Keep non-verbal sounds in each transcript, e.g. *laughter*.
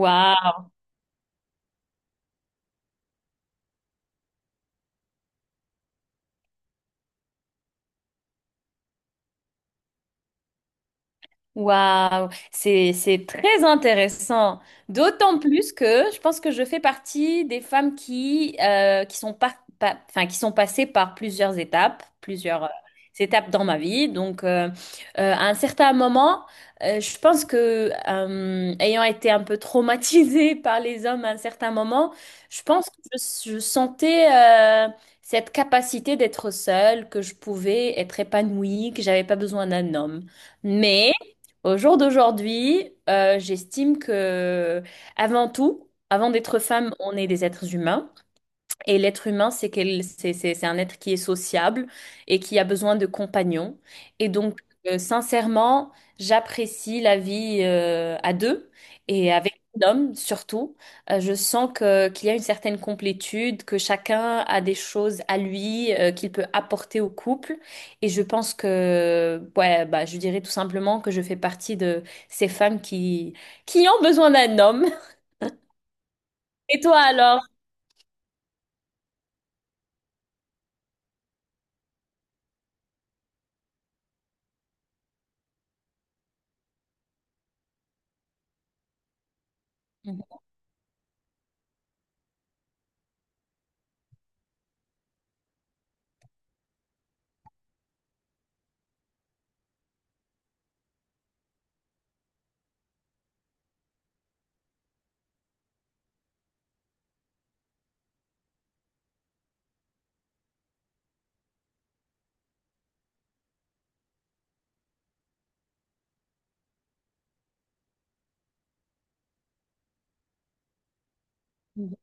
Waouh! Waouh, c'est très intéressant. D'autant plus que je pense que je fais partie des femmes qui sont enfin qui sont passées par plusieurs étapes dans ma vie. Donc à un certain moment, je pense que ayant été un peu traumatisée *laughs* par les hommes à un certain moment, je pense que je sentais cette capacité d'être seule, que je pouvais être épanouie, que j'avais pas besoin d'un homme. Mais au jour d'aujourd'hui, j'estime que avant tout, avant d'être femme, on est des êtres humains. Et l'être humain, c'est qu'elle, c'est un être qui est sociable et qui a besoin de compagnons. Et donc, sincèrement, j'apprécie la vie à deux et avec un homme surtout. Je sens que qu'il y a une certaine complétude, que chacun a des choses à lui qu'il peut apporter au couple. Et je pense que, ouais, bah, je dirais tout simplement que je fais partie de ces femmes qui ont besoin d'un homme. *laughs* Et toi alors? *laughs* Mhm.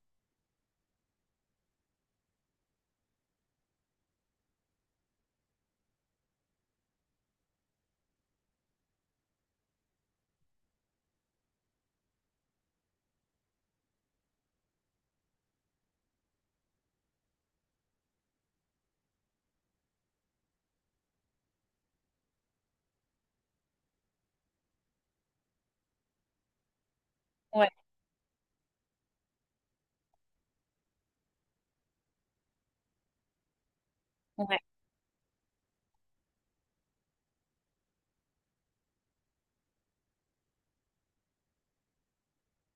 Ouais, ouais.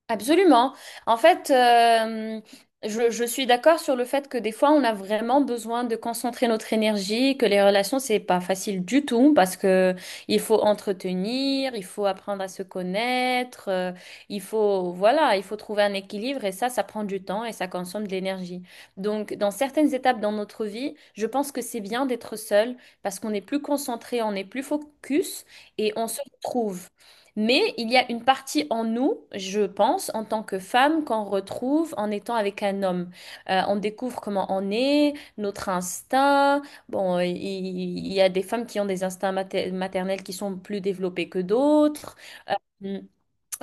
Absolument. En fait, je suis d'accord sur le fait que des fois, on a vraiment besoin de concentrer notre énergie, que les relations, c'est pas facile du tout parce que il faut entretenir, il faut apprendre à se connaître, il faut, voilà, il faut trouver un équilibre et ça prend du temps et ça consomme de l'énergie. Donc, dans certaines étapes dans notre vie, je pense que c'est bien d'être seul parce qu'on est plus concentré, on est plus focus et on se retrouve. Mais il y a une partie en nous, je pense, en tant que femme, qu'on retrouve en étant avec un homme. On découvre comment on est, notre instinct. Bon, il y a des femmes qui ont des instincts maternels qui sont plus développés que d'autres. Mm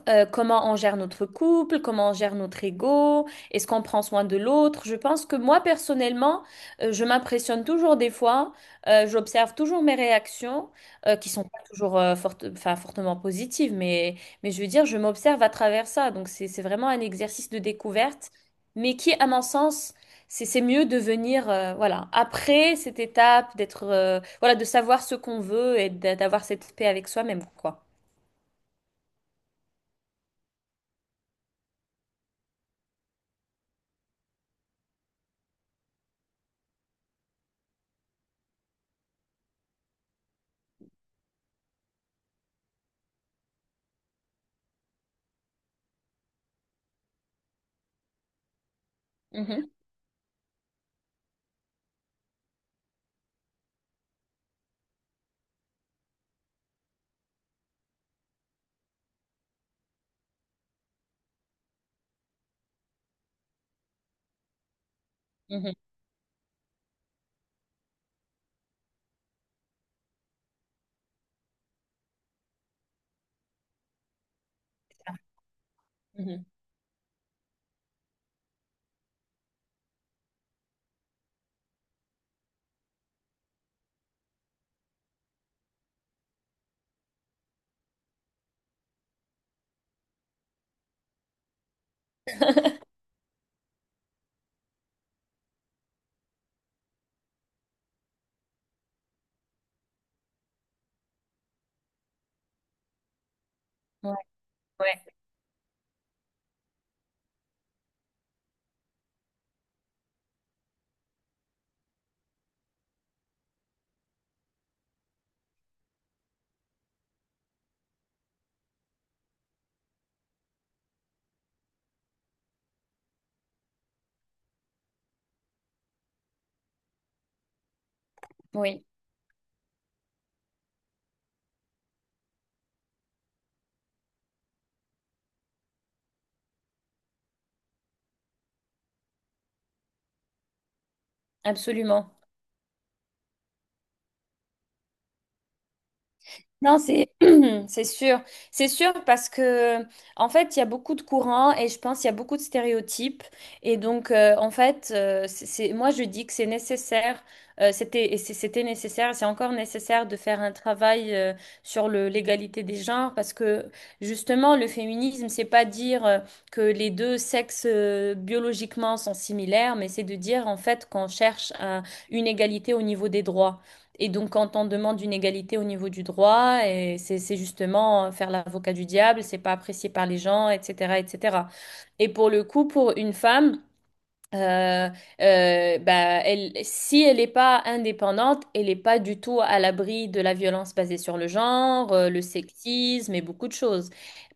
Comment on gère notre couple, comment on gère notre ego, est-ce qu'on prend soin de l'autre. Je pense que moi, personnellement, je m'impressionne toujours des fois, j'observe toujours mes réactions, qui sont pas toujours enfin, fortement positives, mais je veux dire, je m'observe à travers ça. Donc, c'est vraiment un exercice de découverte, mais qui, à mon sens, c'est mieux de venir, voilà, après cette étape, d'être, voilà, de savoir ce qu'on veut et d'avoir cette paix avec soi-même, quoi. Mhm, mhm, mhm. Ouais, ouais, oui, absolument. Non, c'est *clears throat* c'est sûr. C'est sûr parce que en fait, il y a beaucoup de courants et je pense qu'il y a beaucoup de stéréotypes. Et donc, en fait, moi, je dis que c'est nécessaire. C'était et c'était nécessaire, c'est encore nécessaire de faire un travail sur le l'égalité des genres parce que justement, le féminisme, c'est pas dire que les deux sexes biologiquement sont similaires, mais c'est de dire en fait qu'on cherche une égalité au niveau des droits. Et donc, quand on demande une égalité au niveau du droit, et c'est justement faire l'avocat du diable, c'est pas apprécié par les gens, etc., etc. Et cetera. Et pour le coup, pour une femme, euh, bah, elle, si elle n'est pas indépendante, elle n'est pas du tout à l'abri de la violence basée sur le genre, le sexisme et beaucoup de choses.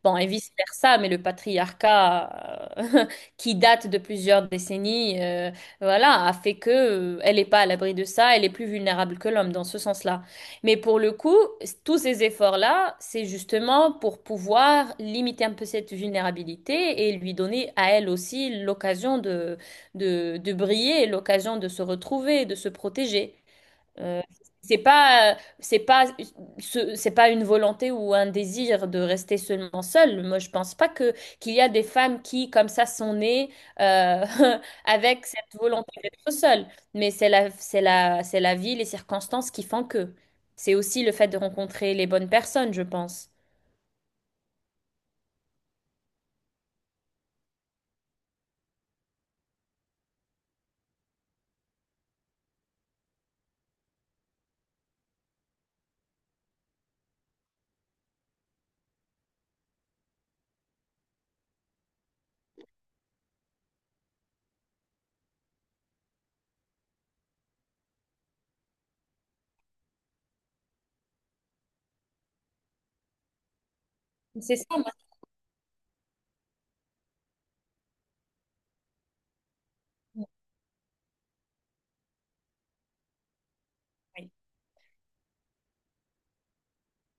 Bon, et vice-versa, mais le patriarcat *laughs* qui date de plusieurs décennies, voilà, a fait que elle n'est pas à l'abri de ça, elle est plus vulnérable que l'homme dans ce sens-là. Mais pour le coup, tous ces efforts-là, c'est justement pour pouvoir limiter un peu cette vulnérabilité et lui donner à elle aussi l'occasion de de briller, l'occasion de se retrouver, de se protéger. Euh, c'est pas, c'est pas, c'est pas une volonté ou un désir de rester seulement seule. Moi, je pense pas que qu'il y a des femmes qui, comme ça, sont nées euh, *laughs* avec cette volonté d'être seule. Mais c'est la vie, les circonstances qui font que. C'est aussi le fait de rencontrer les bonnes personnes, je pense. C'est ça, moi.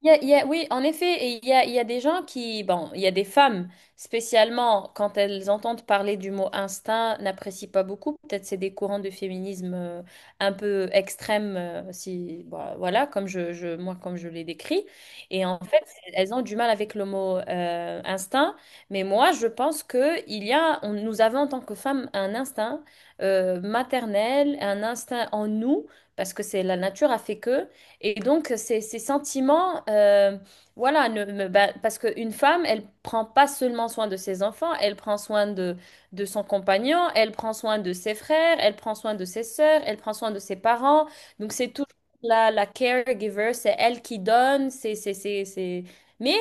Oui, en effet, et il y a des gens qui, bon, il y a des femmes, spécialement quand elles entendent parler du mot instinct, n'apprécient pas beaucoup. Peut-être c'est des courants de féminisme un peu extrêmes, si, bon, voilà, comme moi, comme je les décris. Et en fait, elles ont du mal avec le mot instinct. Mais moi, je pense que il y a, on- nous avons en tant que femmes un instinct maternel, un instinct en nous, parce que c'est la nature a fait que. Et donc, ces sentiments, voilà, ne, me- bah, parce qu'une femme, elle prend pas seulement soin de ses enfants, elle prend soin de son compagnon, elle prend soin de ses frères, elle prend soin de ses sœurs, elle prend soin de ses parents. Donc, c'est toujours la caregiver, c'est elle qui donne, c'est... Mais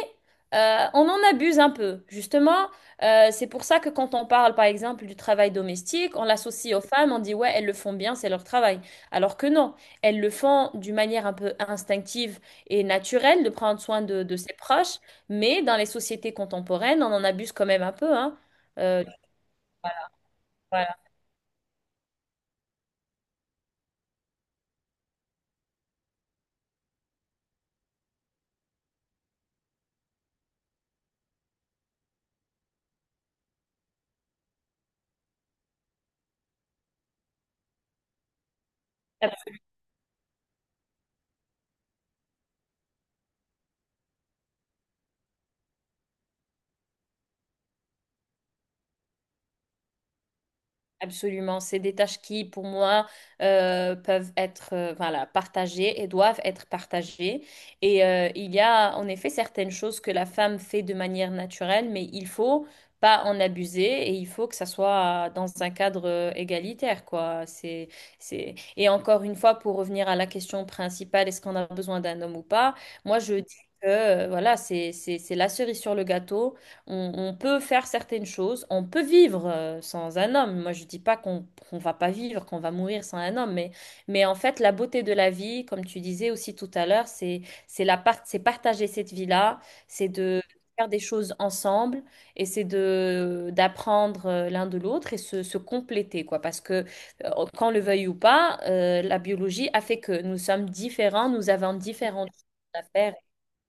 on en abuse un peu, justement. C'est pour ça que quand on parle, par exemple, du travail domestique, on l'associe aux femmes, on dit, ouais, elles le font bien, c'est leur travail. Alors que non. Elles le font d'une manière un peu instinctive et naturelle de prendre soin de ses proches, mais dans les sociétés contemporaines, on en abuse quand même un peu, hein. Euh, voilà. Absolument, c'est des tâches qui, pour moi, peuvent être voilà, partagées et doivent être partagées. Et il y a en effet certaines choses que la femme fait de manière naturelle, mais il faut pas en abuser et il faut que ça soit dans un cadre égalitaire, quoi. C'est... Et encore une fois, pour revenir à la question principale, est-ce qu'on a besoin d'un homme ou pas? Moi, je dis que voilà, c'est la cerise sur le gâteau. On peut faire certaines choses, on peut vivre sans un homme. Moi, je dis pas qu'on va pas vivre, qu'on va mourir sans un homme, mais en fait, la beauté de la vie, comme tu disais aussi tout à l'heure, c'est c'est partager cette vie-là, c'est de faire des choses ensemble et c'est de d'apprendre l'un de l'autre et se compléter, quoi. Parce que qu'on le veuille ou pas, la biologie a fait que nous sommes différents, nous avons différentes choses à faire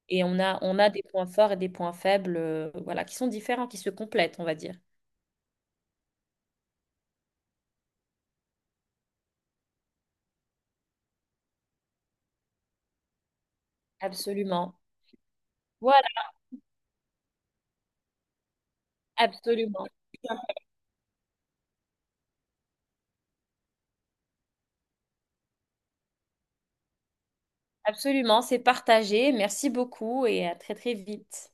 et on a des points forts et des points faibles, voilà, qui sont différents, qui se complètent, on va dire. Absolument. Voilà, absolument. Absolument, c'est partagé. Merci beaucoup et à très très vite.